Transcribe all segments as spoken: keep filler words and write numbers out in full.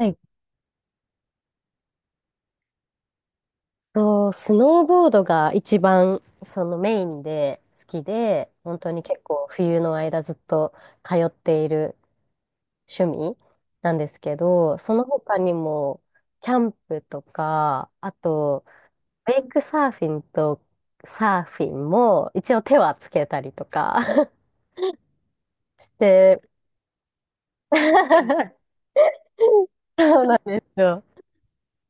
えっと、スノーボードが一番そのメインで好きで、本当に結構冬の間ずっと通っている趣味なんですけど、その他にもキャンプとか、あとウェイクサーフィンとサーフィンも一応手はつけたりとか して、そうなんですよ。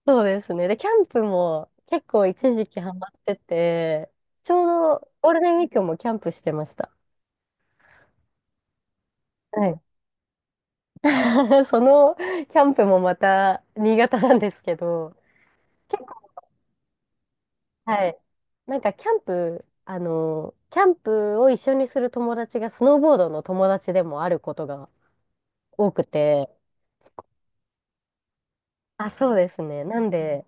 そうですね。で、キャンプも結構一時期ハマってて、ちょうどゴールデンウィークもキャンプしてました。はい。そのキャンプもまた新潟なんですけど、結構、はい。なんかキャンプ、あの、キャンプを一緒にする友達がスノーボードの友達でもあることが多くて、あ、そうですね。なんで、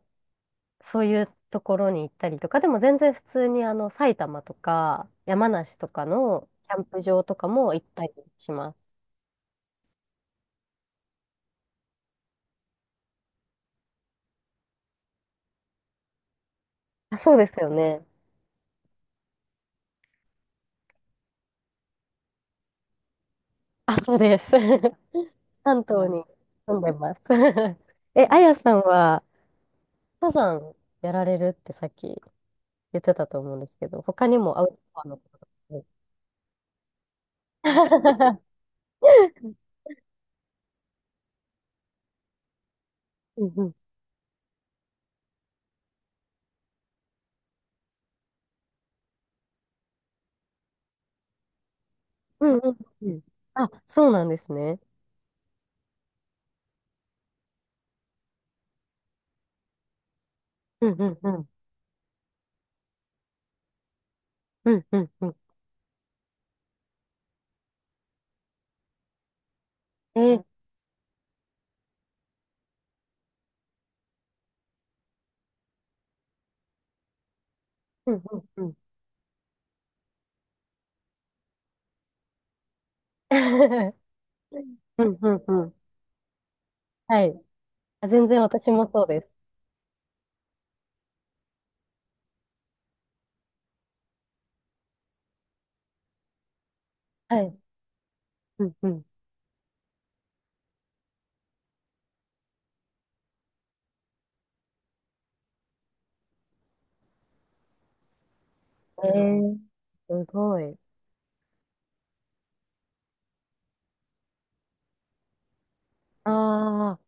そういうところに行ったりとか、でも全然普通にあの、埼玉とか山梨とかのキャンプ場とかも行ったりします。あ、そうですよね。あ、そうです。関東に住んでます。え、あやさんは、登山やられるってさっき言ってたと思うんですけど、他にもアウトドアのこと。 うんうん。うんうんうん。あ、そうなんですね。うんうんうん。うんうんうん。えー、うんうんうん。うんうんうん。はい。あ、全然私もそうです。はい。うんうん。えー、すごい。ああ、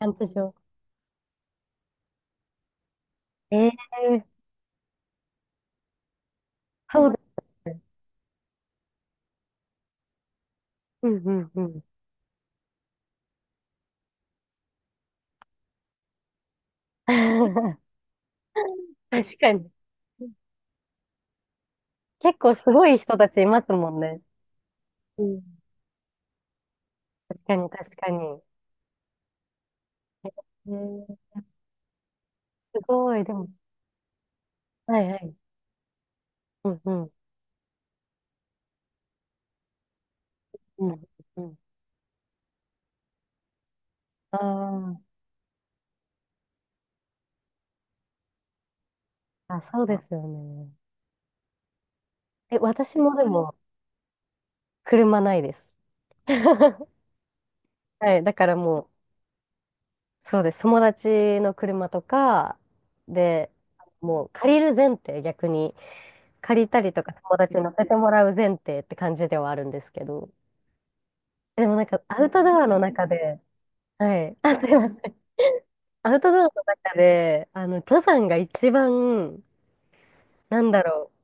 キャンプ場。えー、そうですね。うんうんうん。確かに。結構すごい人たちいますもんね。うん。確かに、確かに。ねえ、すごい、でも、はいはい。うんうん。うん、うん。ああ、あ、そうですよね。え、私もでも、車ないです。はい、だからもう、そうです。友達の車とか、で、もう借りる前提、逆に。借りたりとか、友達に乗せてもらう前提って感じではあるんですけど。でもなんか、アウトドアの中で、はい。あ、すいません。アウトドアの中で、あの、登山が一番、なんだろう、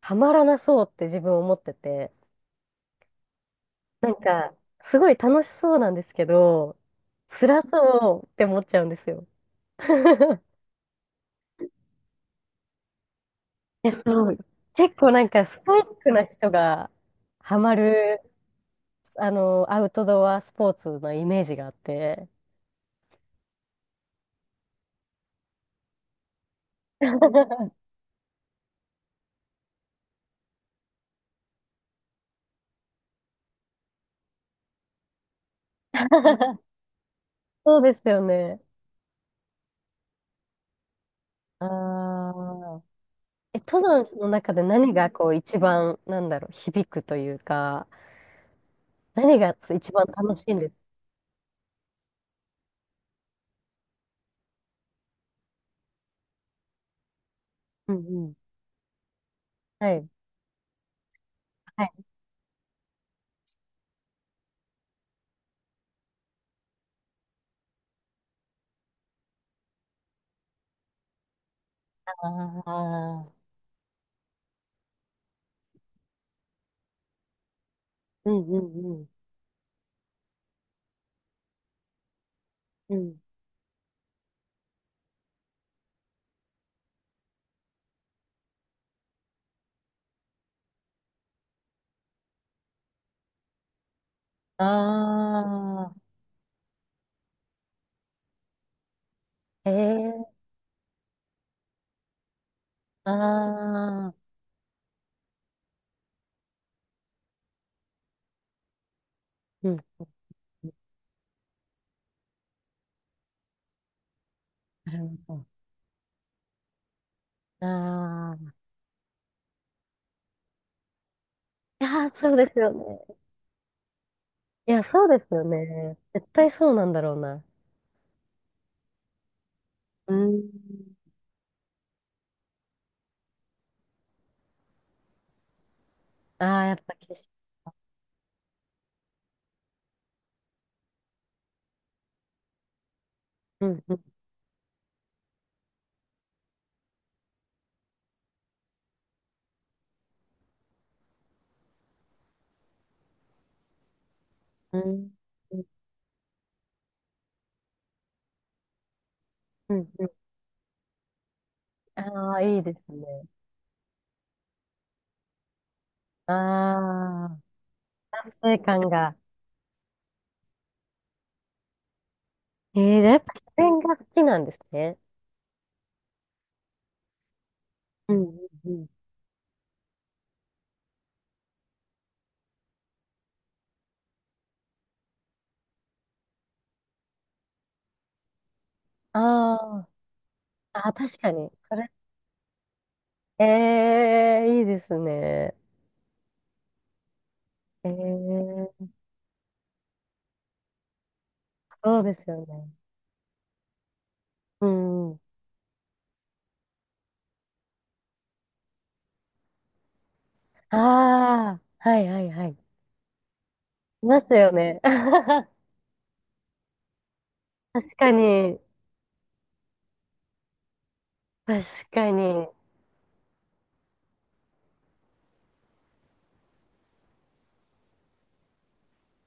ハマらなそうって自分思ってて、なんか、すごい楽しそうなんですけど、辛そうって思っちゃうんですよ。えっと、結構なんかストイックな人がハマる、あの、アウトドアスポーツのイメージがあって。そうですよね。ああ。え、登山の中で何がこう一番、なんだろう、響くというか、何が一番楽しいんです？うんうん。はい。はい。あー、うんうんうんうん。あー、ええー、あー、うん。なるほど。あー、いやー、そうですよね。いや、そうですよね。絶対そうなんだろうな。うん。あー、やっぱ景色。うんうんうん。うんうん。うん、ああ、いいですね。ああ、達成感が。ええー、じゃあやっぱ自然が好きなんですね。ううん、うん、ああ、あ、確かに。それ、ええ、いいですね。ええ、そうですよね。うんうん。ああ、はいはいはい。いますよね。確かに、確かに。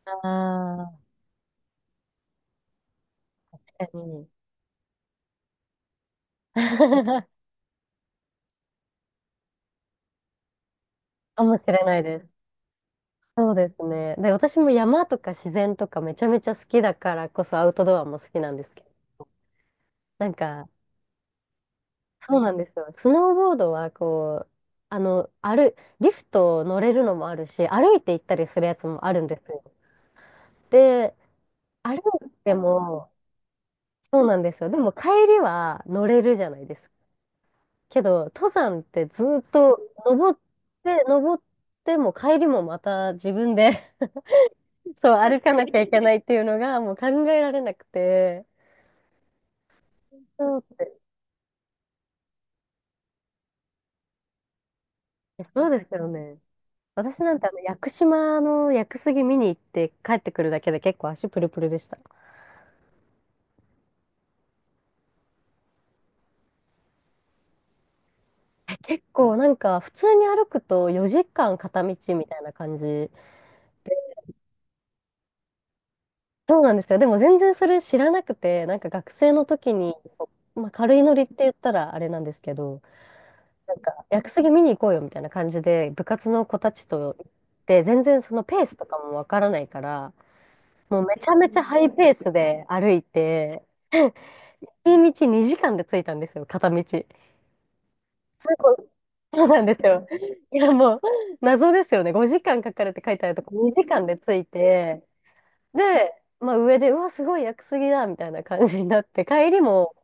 ああ、確かに。かもしれないです。そうですね。で、私も山とか自然とかめちゃめちゃ好きだからこそアウトドアも好きなんですけど、なんか、そうなんですよ。スノーボードはこう、あの、歩、リフト乗れるのもあるし、歩いて行ったりするやつもあるんですよ。で、歩いても、そうなんですよ。でも帰りは乗れるじゃないですか。けど、登山ってずっと登って、登っても帰りもまた自分で そう、歩かなきゃいけないっていうのがもう考えられなくて。そうって、そうですよね。私なんてあの、屋久島の屋久杉見に行って帰ってくるだけで結構足プルプルでした。え、結構なんか普通に歩くとよじかん片道みたいな感じ。そうなんですよ。でも全然それ知らなくて、なんか学生の時に、まあ、軽いノリって言ったらあれなんですけど、なんか屋久杉見に行こうよみたいな感じで部活の子たちと行って、全然そのペースとかもわからないから、もうめちゃめちゃハイペースで歩いて、片道にじかんで着いたんですよ、片道。そう、そうなんですよ。いや、もう、謎ですよね。ごじかんかかるって書いてあるとこ、にじかんで着いて、で、まあ上で、うわ、すごい屋久杉だ、みたいな感じになって、帰りも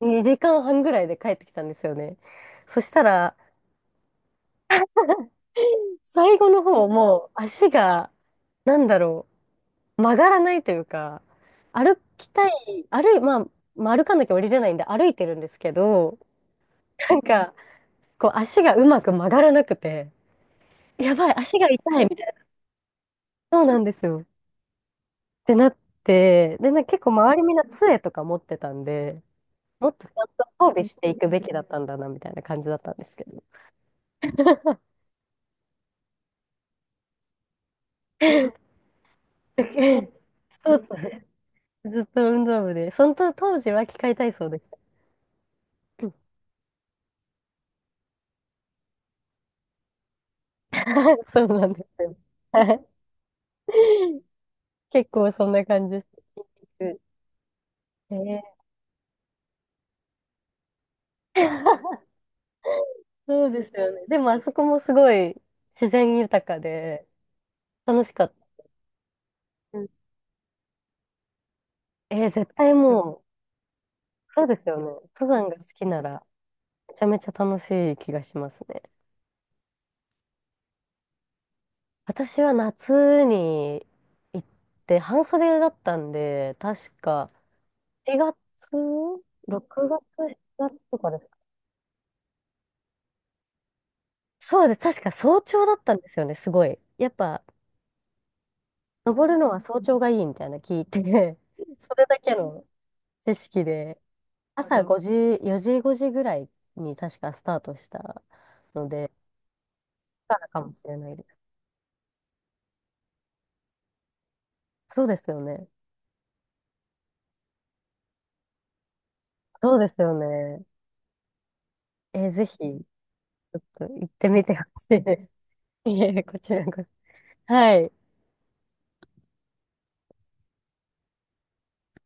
にじかんはんぐらいで帰ってきたんですよね。そしたら、最後の方もう足が、なんだろう、曲がらないというか、歩きたい、歩い、まあ、まあ歩かなきゃ降りれないんで歩いてるんですけど、なんか、こう足がうまく曲がらなくて、やばい、足が痛い、そうなんですよ。ってなって、で、な結構周りみんな杖とか持ってたんで、もっとちゃんと装備していくべきだったんだな、みたいな感じだったんですけど。そうそう。ずっと運動部で、その当当時は器械体操でした。うん。 そうなんですよ。はい。結構そんな感じです。えー、 そうですよね。でもあそこもすごい自然豊かで楽しかった。うん、えー、絶対もう、そうですよね。登山が好きならめちゃめちゃ楽しい気がしますね。私は夏に行って半袖だったんで、確かしがつ、ろくがつ、しちがつとかですか。そうです。確か早朝だったんですよね、すごい。やっぱ、登るのは早朝がいいみたいな聞いて、それだけの知識で、朝ごじ、よじ、ごじぐらいに確かスタートしたので、だからかもしれないです。そうですよね。そうですよね。えー、ぜひ。ちょっと行ってみてほしいです。いえ、こちらこそ。はい。